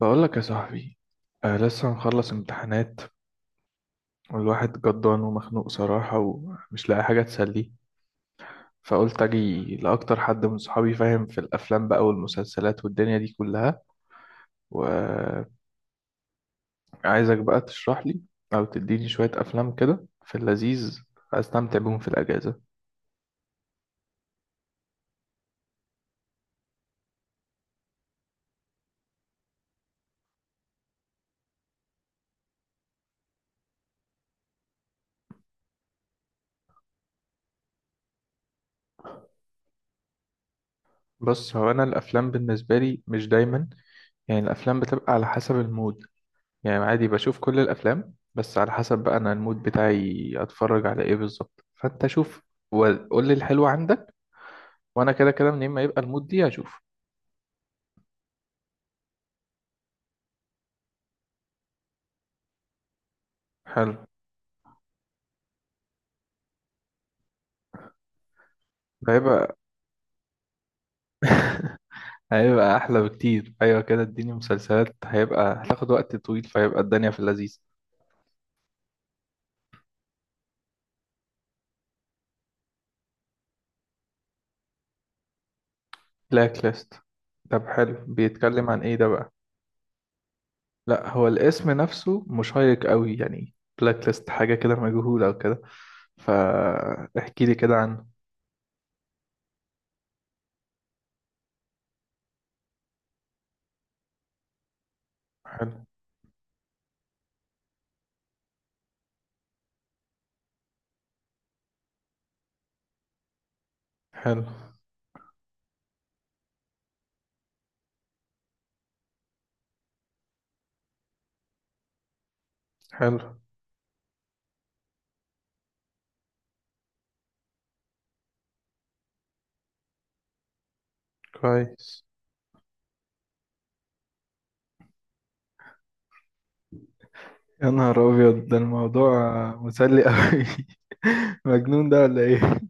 بقول لك يا صاحبي، آه لسه مخلص امتحانات، والواحد جدان ومخنوق صراحة ومش لاقي حاجة تسليه. فقلت أجي لأكتر حد من صحابي فاهم في الأفلام بقى والمسلسلات والدنيا دي كلها، وعايزك بقى تشرح لي أو تديني شوية أفلام كده في اللذيذ أستمتع بيهم في الأجازة. بص، هو أنا الأفلام بالنسبة لي مش دايما، يعني الأفلام بتبقى على حسب المود. يعني عادي بشوف كل الافلام بس على حسب بقى انا المود بتاعي اتفرج على ايه بالظبط. فانت شوف وقول لي الحلو عندك، وانا كده كده منين ما يبقى المود دي هشوف. حلو. هيبقى هيبقى احلى بكتير، ايوه كده اديني مسلسلات، هيبقى هتاخد وقت طويل فهيبقى الدنيا في اللذيذ. بلاك ليست؟ طب حلو، بيتكلم عن ايه ده بقى؟ لا، هو الاسم نفسه مشيق قوي يعني، بلاك ليست حاجه كده مجهوله او كده، فاحكي لي كده عنه. حلو. حلو. حلو. كويس. يا نهار أبيض، ده الموضوع مسلي أوي. مجنون ده ولا إيه؟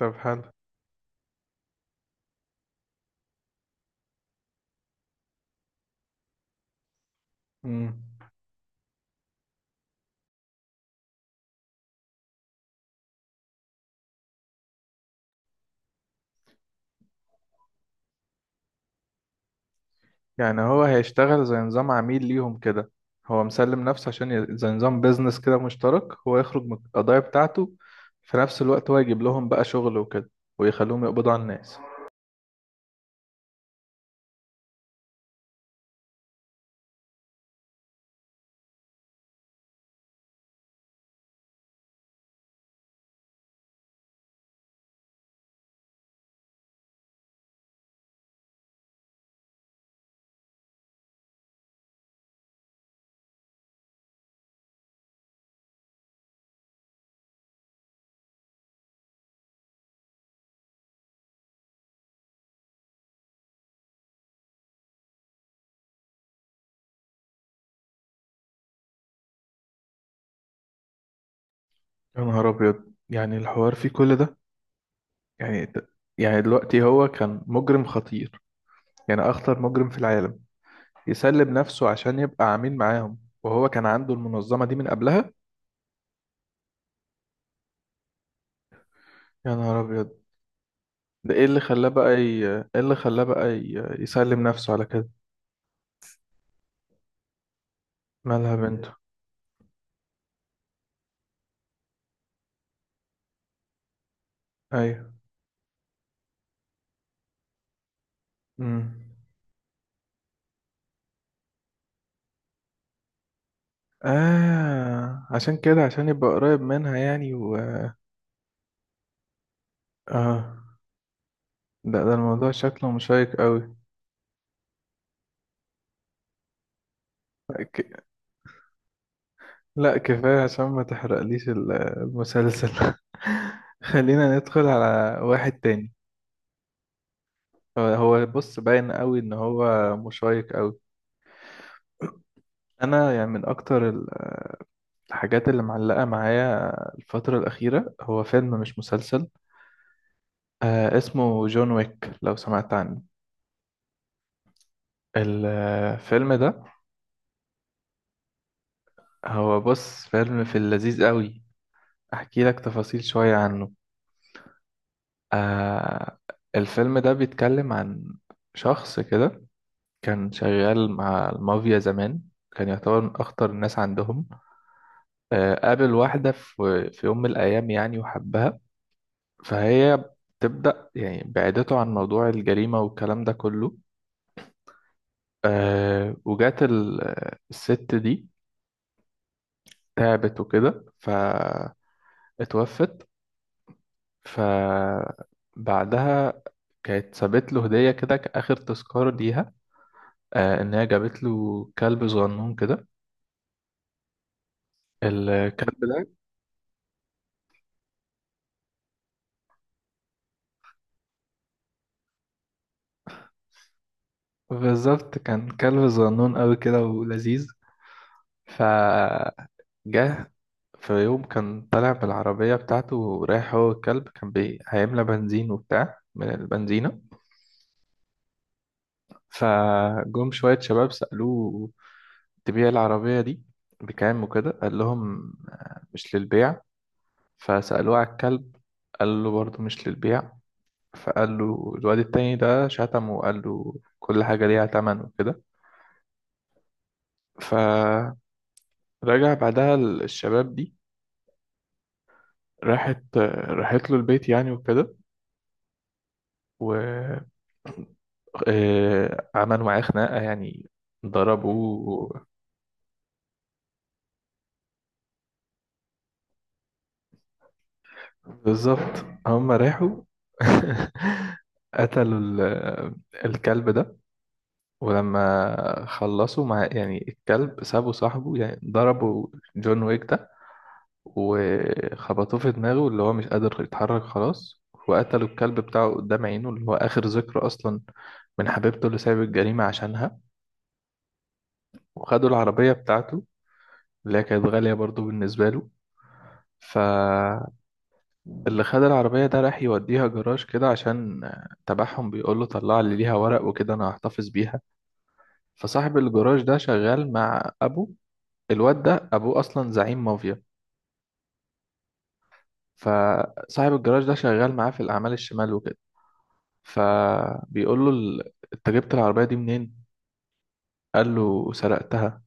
طب حلو. مم. يعني هو هيشتغل زي نظام عميل ليهم كده؟ هو مسلم نفسه عشان زي نظام بيزنس كده مشترك، هو يخرج من القضايا بتاعته، في نفس الوقت هو يجيب لهم بقى شغل وكده ويخلوهم يقبضوا على الناس. يا نهار أبيض، يعني الحوار فيه كل ده؟ يعني، يعني دلوقتي هو كان مجرم خطير، يعني أخطر مجرم في العالم، يسلب نفسه عشان يبقى عميل معاهم وهو كان عنده المنظمة دي من قبلها؟ يا نهار أبيض. ده إيه اللي خلاه بقى إيه اللي خلاه بقى يسلم نفسه على كده؟ مالها بنته؟ أيوة. أمم. آه عشان كده، عشان يبقى قريب منها يعني آه. ده الموضوع شكله مشيق قوي. ك... لا كفاية عشان ما تحرقليش المسلسل. خلينا ندخل على واحد تاني. هو هو بص باين قوي إن هو مشيق قوي. انا يعني من اكتر الحاجات اللي معلقه معايا الفتره الاخيره هو فيلم مش مسلسل، آه اسمه جون ويك لو سمعت عنه الفيلم ده. هو بص فيلم في اللذيذ قوي، احكي لك تفاصيل شويه عنه. آه، الفيلم ده بيتكلم عن شخص كده كان شغال مع المافيا زمان، كان يعتبر من اخطر الناس عندهم. آه قابل واحده في يوم من الايام يعني وحبها، فهي بتبدأ يعني بعدته عن موضوع الجريمة والكلام ده كله. آه وجات الست دي تعبت وكده فاتوفت. فبعدها كانت سابت له هدية كده كآخر تذكار ليها، آه إن هي جابت له كلب صغنون كده. الكلب ده بالظبط كان كلب صغنون أوي كده ولذيذ. ف جه في يوم كان طالع بالعربية بتاعته ورايح هو والكلب، كان هيملى بنزين وبتاع من البنزينة. فجم شوية شباب سألوه: تبيع العربية دي بكام وكده؟ قال لهم: مش للبيع. فسألوه على الكلب، قال له برضه مش للبيع. فقال له الواد التاني ده شتمه وقال له كل حاجة ليها تمن وكده. فرجع. بعدها الشباب دي راحت راحت له البيت يعني وكده، و عملوا معاه خناقة يعني، ضربوه. بالظبط، هم راحوا. قتلوا الكلب ده. ولما خلصوا مع يعني الكلب، سابوا صاحبه يعني، ضربوا جون ويك ده وخبطوه في دماغه اللي هو مش قادر يتحرك خلاص، وقتلوا الكلب بتاعه قدام عينه اللي هو آخر ذكرى أصلا من حبيبته اللي سايب الجريمة عشانها. وخدوا العربية بتاعته اللي هي كانت غالية برضو بالنسبة له. ف اللي خد العربية ده راح يوديها جراج كده عشان تبعهم بيقول له طلع لي ليها ورق وكده أنا هحتفظ بيها. فصاحب الجراج ده شغال مع أبو الواد ده، أبوه أصلا زعيم مافيا. فصاحب الجراج ده شغال معاه في الأعمال الشمال وكده. فبيقول له أنت جبت العربية دي منين؟ قال له: سرقتها.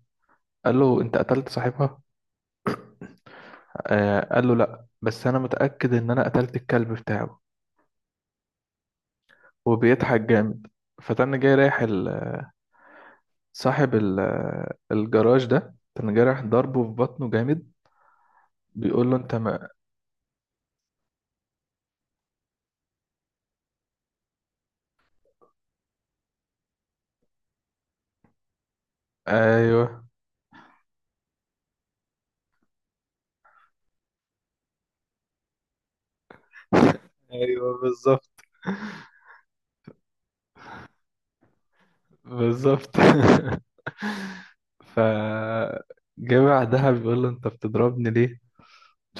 قال له: أنت قتلت صاحبها؟ آه قال له: لأ بس أنا متأكد إن أنا قتلت الكلب بتاعه. وبيضحك جامد. فتن جاي رايح صاحب ال- الجراج ده كان جارح، ضربه في بطنه جامد. بيقول له: انت ما ايوه ايوه بالظبط. بالظبط. ف جه بعدها بيقول له: انت بتضربني ليه؟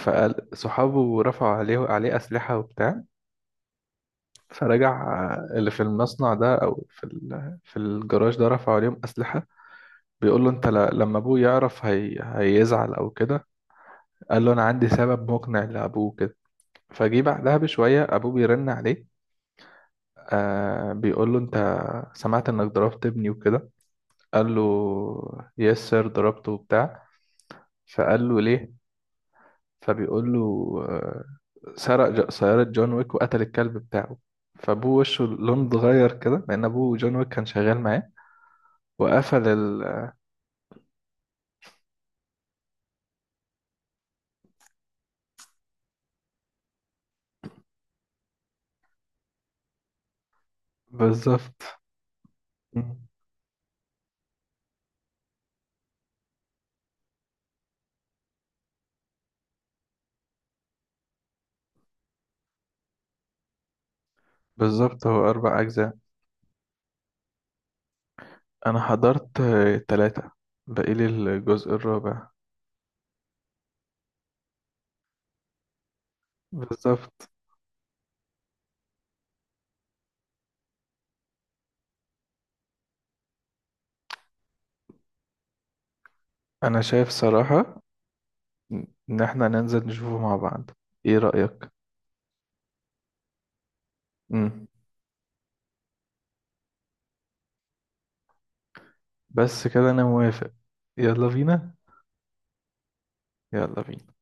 فقال صحابه رفعوا عليه اسلحه وبتاع. فرجع اللي في المصنع ده او في في الجراج ده رفعوا عليهم اسلحه. بيقول له: انت لما ابوه يعرف هيزعل او كده. قال له: انا عندي سبب مقنع لابوه كده. فجي بعدها بشوية أبوه بيرن عليه، آه بيقول له: أنت سمعت إنك ضربت ابني وكده؟ قال له: يس سير، ضربته وبتاع. فقال له: ليه؟ فبيقول له: آه سرق سيارة جون ويك وقتل الكلب بتاعه. فأبوه وشه لون اتغير كده لأن أبوه جون ويك كان شغال معاه. وقفل بالظبط. بالظبط، هو أربع أجزاء. أنا حضرت تلاتة، باقي لي الجزء الرابع. بالظبط. أنا شايف صراحة ان احنا ننزل نشوفه مع بعض، ايه رأيك؟ امم. بس كده انا موافق، يلا بينا. يلا بينا.